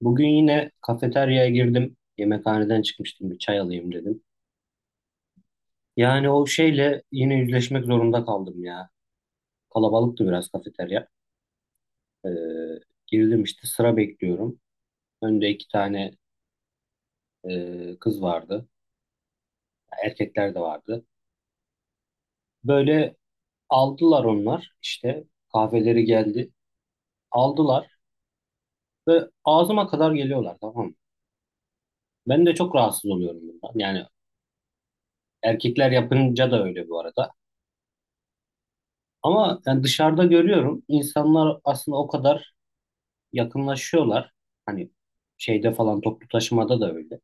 Bugün yine kafeteryaya girdim. Yemekhaneden çıkmıştım. Bir çay alayım dedim. Yani o şeyle yine yüzleşmek zorunda kaldım ya. Kalabalıktı biraz kafeterya. Ee, girdim işte, sıra bekliyorum. Önde 2 tane kız vardı. Erkekler de vardı. Böyle aldılar onlar işte. Kahveleri geldi. Aldılar ve ağzıma kadar geliyorlar, tamam mı? Ben de çok rahatsız oluyorum bundan. Yani erkekler yapınca da öyle bu arada. Ama yani dışarıda görüyorum, insanlar aslında o kadar yakınlaşıyorlar. Hani şeyde falan, toplu taşımada da öyle.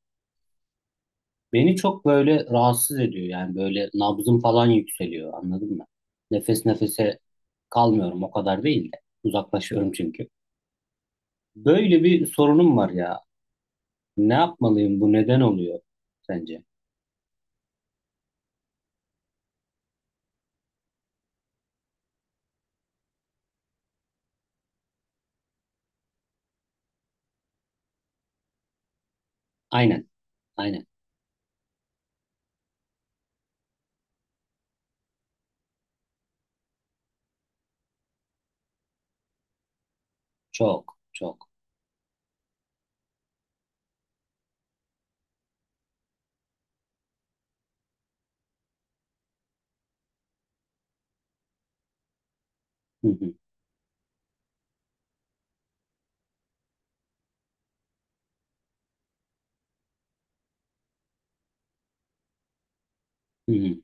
Beni çok böyle rahatsız ediyor, yani böyle nabzım falan yükseliyor, anladın mı? Nefes nefese kalmıyorum, o kadar değil de uzaklaşıyorum çünkü. Böyle bir sorunum var ya. Ne yapmalıyım, bu neden oluyor sence? Aynen. Aynen. Çok çok. Hı hı. Hı hı.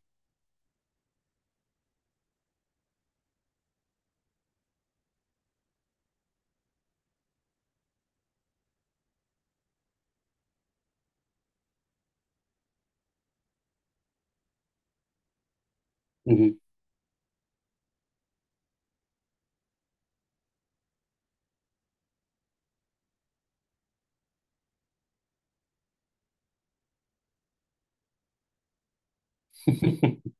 Hı hı.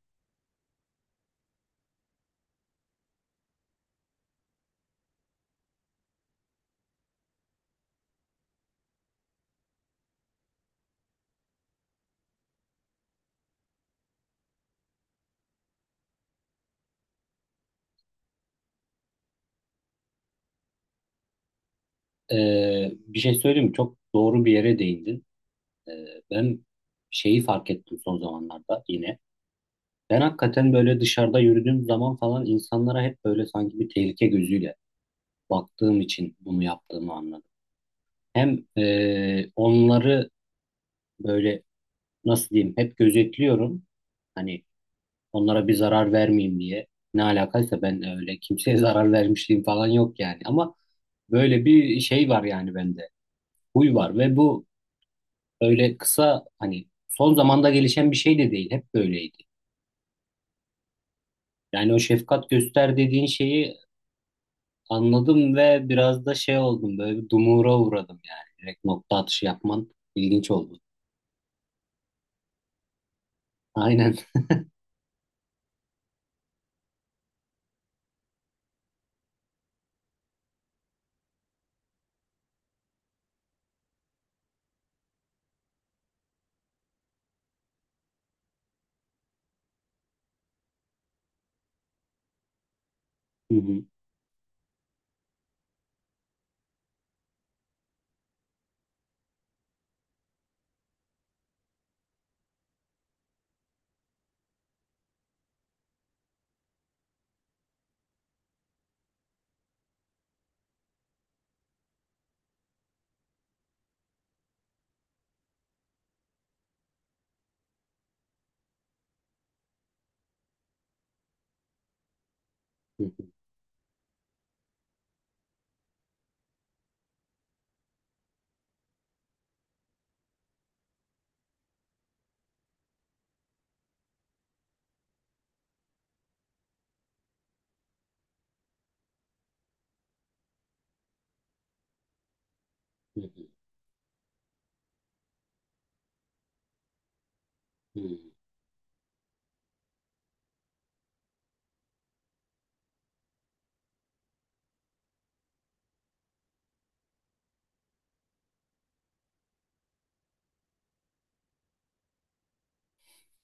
Bir şey söyleyeyim mi? Çok doğru bir yere değindin. Ee, Ben şeyi fark ettim son zamanlarda yine. Ben hakikaten böyle dışarıda yürüdüğüm zaman falan insanlara hep böyle sanki bir tehlike gözüyle baktığım için bunu yaptığımı anladım. Hem onları böyle, nasıl diyeyim, hep gözetliyorum. Hani onlara bir zarar vermeyeyim diye. Ne alakaysa, ben öyle kimseye zarar vermişliğim falan yok yani. Ama böyle bir şey var yani bende. Huy var ve bu öyle kısa, hani son zamanda gelişen bir şey de değil. Hep böyleydi. Yani o şefkat göster dediğin şeyi anladım ve biraz da şey oldum, böyle bir dumura uğradım yani. Direkt nokta atışı yapman ilginç oldu. Aynen. Hı hı, hı hı, hı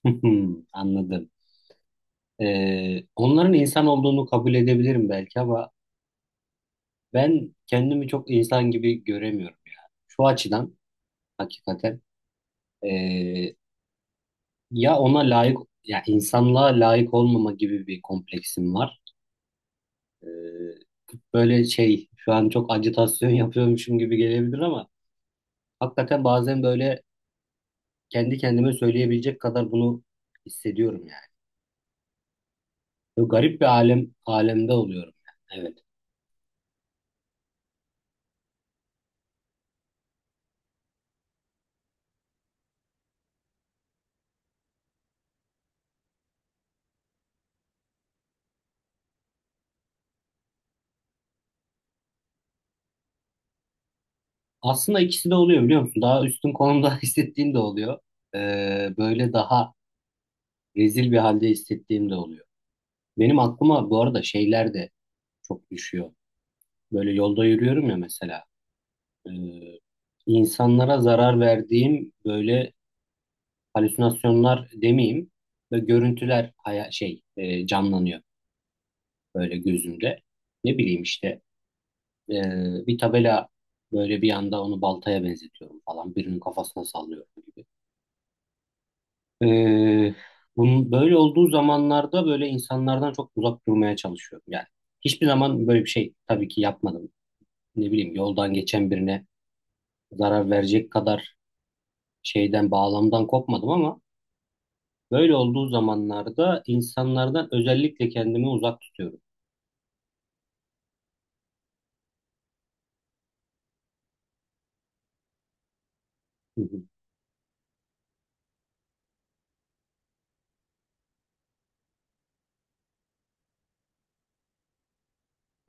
hı. Anladım. Onların insan olduğunu kabul edebilirim belki ama ben kendimi çok insan gibi göremiyorum ya. Şu açıdan hakikaten ee, ya ona layık, ya insanlığa layık olmama gibi bir kompleksim var. Ee, Böyle şey şu an çok ajitasyon yapıyormuşum gibi gelebilir ama hakikaten bazen böyle kendi kendime söyleyebilecek kadar bunu hissediyorum yani. Böyle garip bir alemde oluyorum yani. Evet. Aslında ikisi de oluyor, biliyor musun? Daha üstün konumda hissettiğim de oluyor. Böyle daha rezil bir halde hissettiğim de oluyor. Benim aklıma bu arada şeyler de çok düşüyor. Böyle yolda yürüyorum ya, mesela. Ee, insanlara zarar verdiğim böyle, halüsinasyonlar demeyeyim, ve görüntüler canlanıyor böyle gözümde. Ne bileyim işte, e, bir tabela böyle, bir anda onu baltaya benzetiyorum falan, birinin kafasına sallıyorum gibi. E, Bunun böyle olduğu zamanlarda böyle insanlardan çok uzak durmaya çalışıyorum. Yani hiçbir zaman böyle bir şey tabii ki yapmadım. Ne bileyim, yoldan geçen birine zarar verecek kadar şeyden, bağlamdan kopmadım ama böyle olduğu zamanlarda insanlardan özellikle kendimi uzak tutuyorum. Hı hı,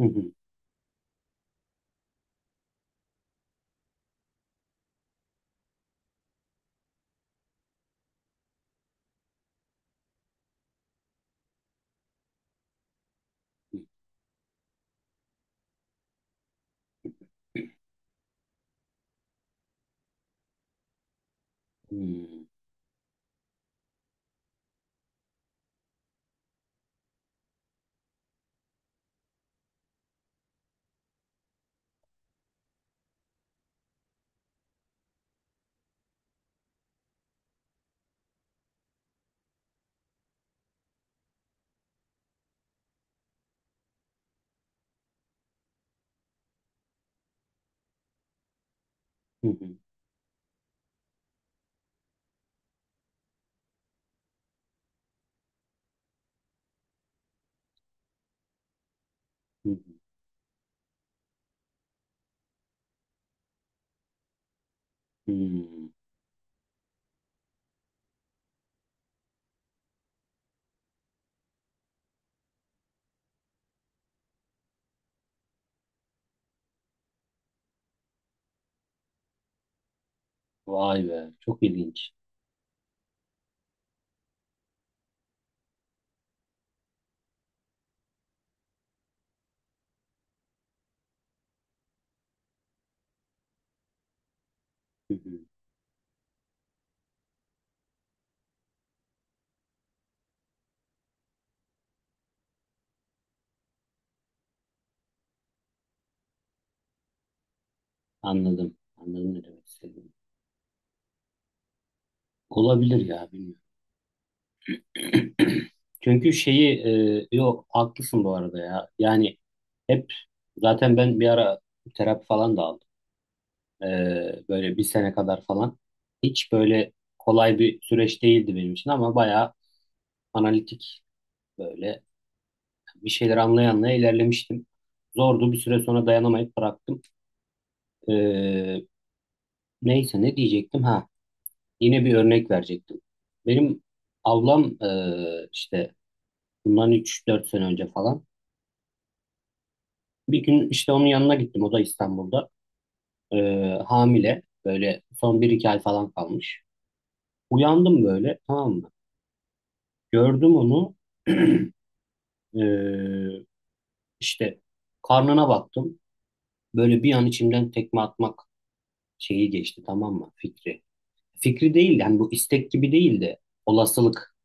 hı hı, hı hı, hı hı, hı hı, hı. Hı. Vay be, çok ilginç. Hı hı. Anladım, anladım ne demek istediğini. Olabilir ya, bilmiyorum. Çünkü yok, haklısın bu arada ya. Yani hep, zaten ben bir ara terapi falan da aldım. E, Böyle bir sene kadar falan. Hiç böyle kolay bir süreç değildi benim için ama bayağı analitik, böyle bir şeyler anlaya anlaya ilerlemiştim. Zordu, bir süre sonra dayanamayıp bıraktım. Ee, Neyse, ne diyecektim, ha, yine bir örnek verecektim. Benim ablam işte bundan 3-4 sene önce falan bir gün, işte, onun yanına gittim, o da İstanbul'da. Hamile, böyle son bir iki ay falan kalmış. Uyandım böyle, tamam mı? Gördüm onu. Ee, işte karnına baktım, böyle bir an içimden tekme atmak şeyi geçti, tamam mı, fikri. Fikri değil yani, bu istek gibi değil de olasılık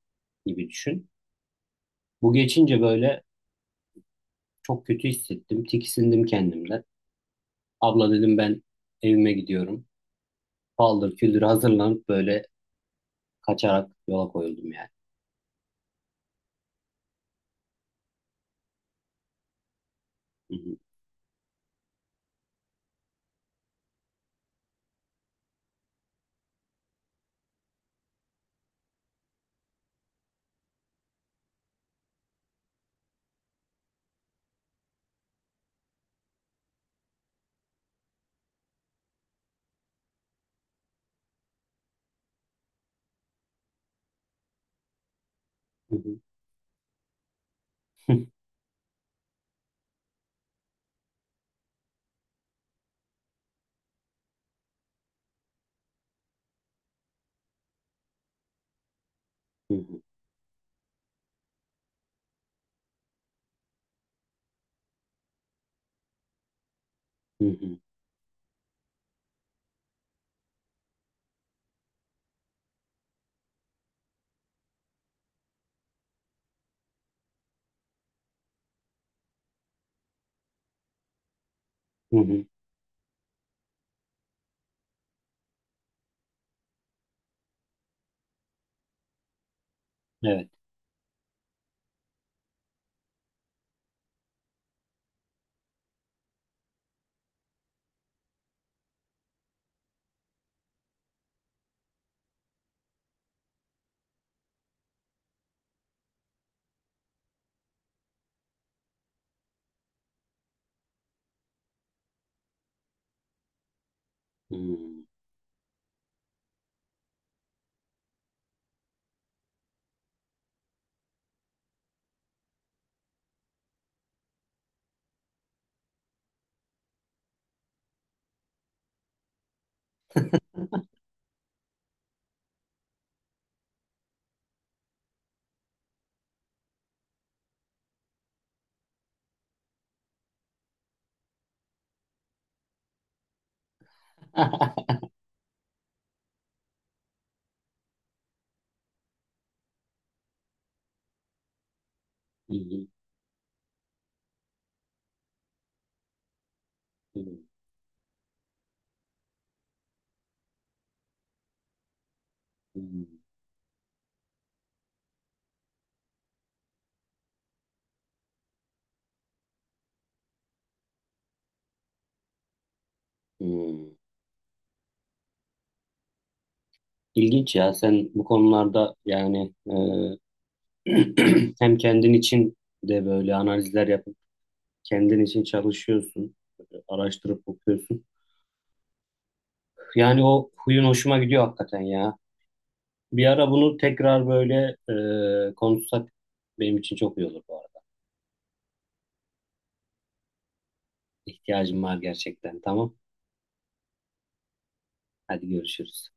gibi düşün. Bu geçince böyle çok kötü hissettim. Tiksindim kendimden. Abla dedim, ben evime gidiyorum. Paldır küldür hazırlanıp böyle kaçarak yola koyuldum yani. Hı hı, hı hı, hı hı, hı hı, Evet. Hı hı. Evet. Hı. Hı hı, hı hı, hı hı. İlginç ya, sen bu konularda yani hem kendin için de böyle analizler yapıp kendin için çalışıyorsun, araştırıp okuyorsun. Yani o huyun hoşuma gidiyor hakikaten ya. Bir ara bunu tekrar böyle konuşsak benim için çok iyi olur bu arada. İhtiyacım var gerçekten. Tamam. Hadi görüşürüz.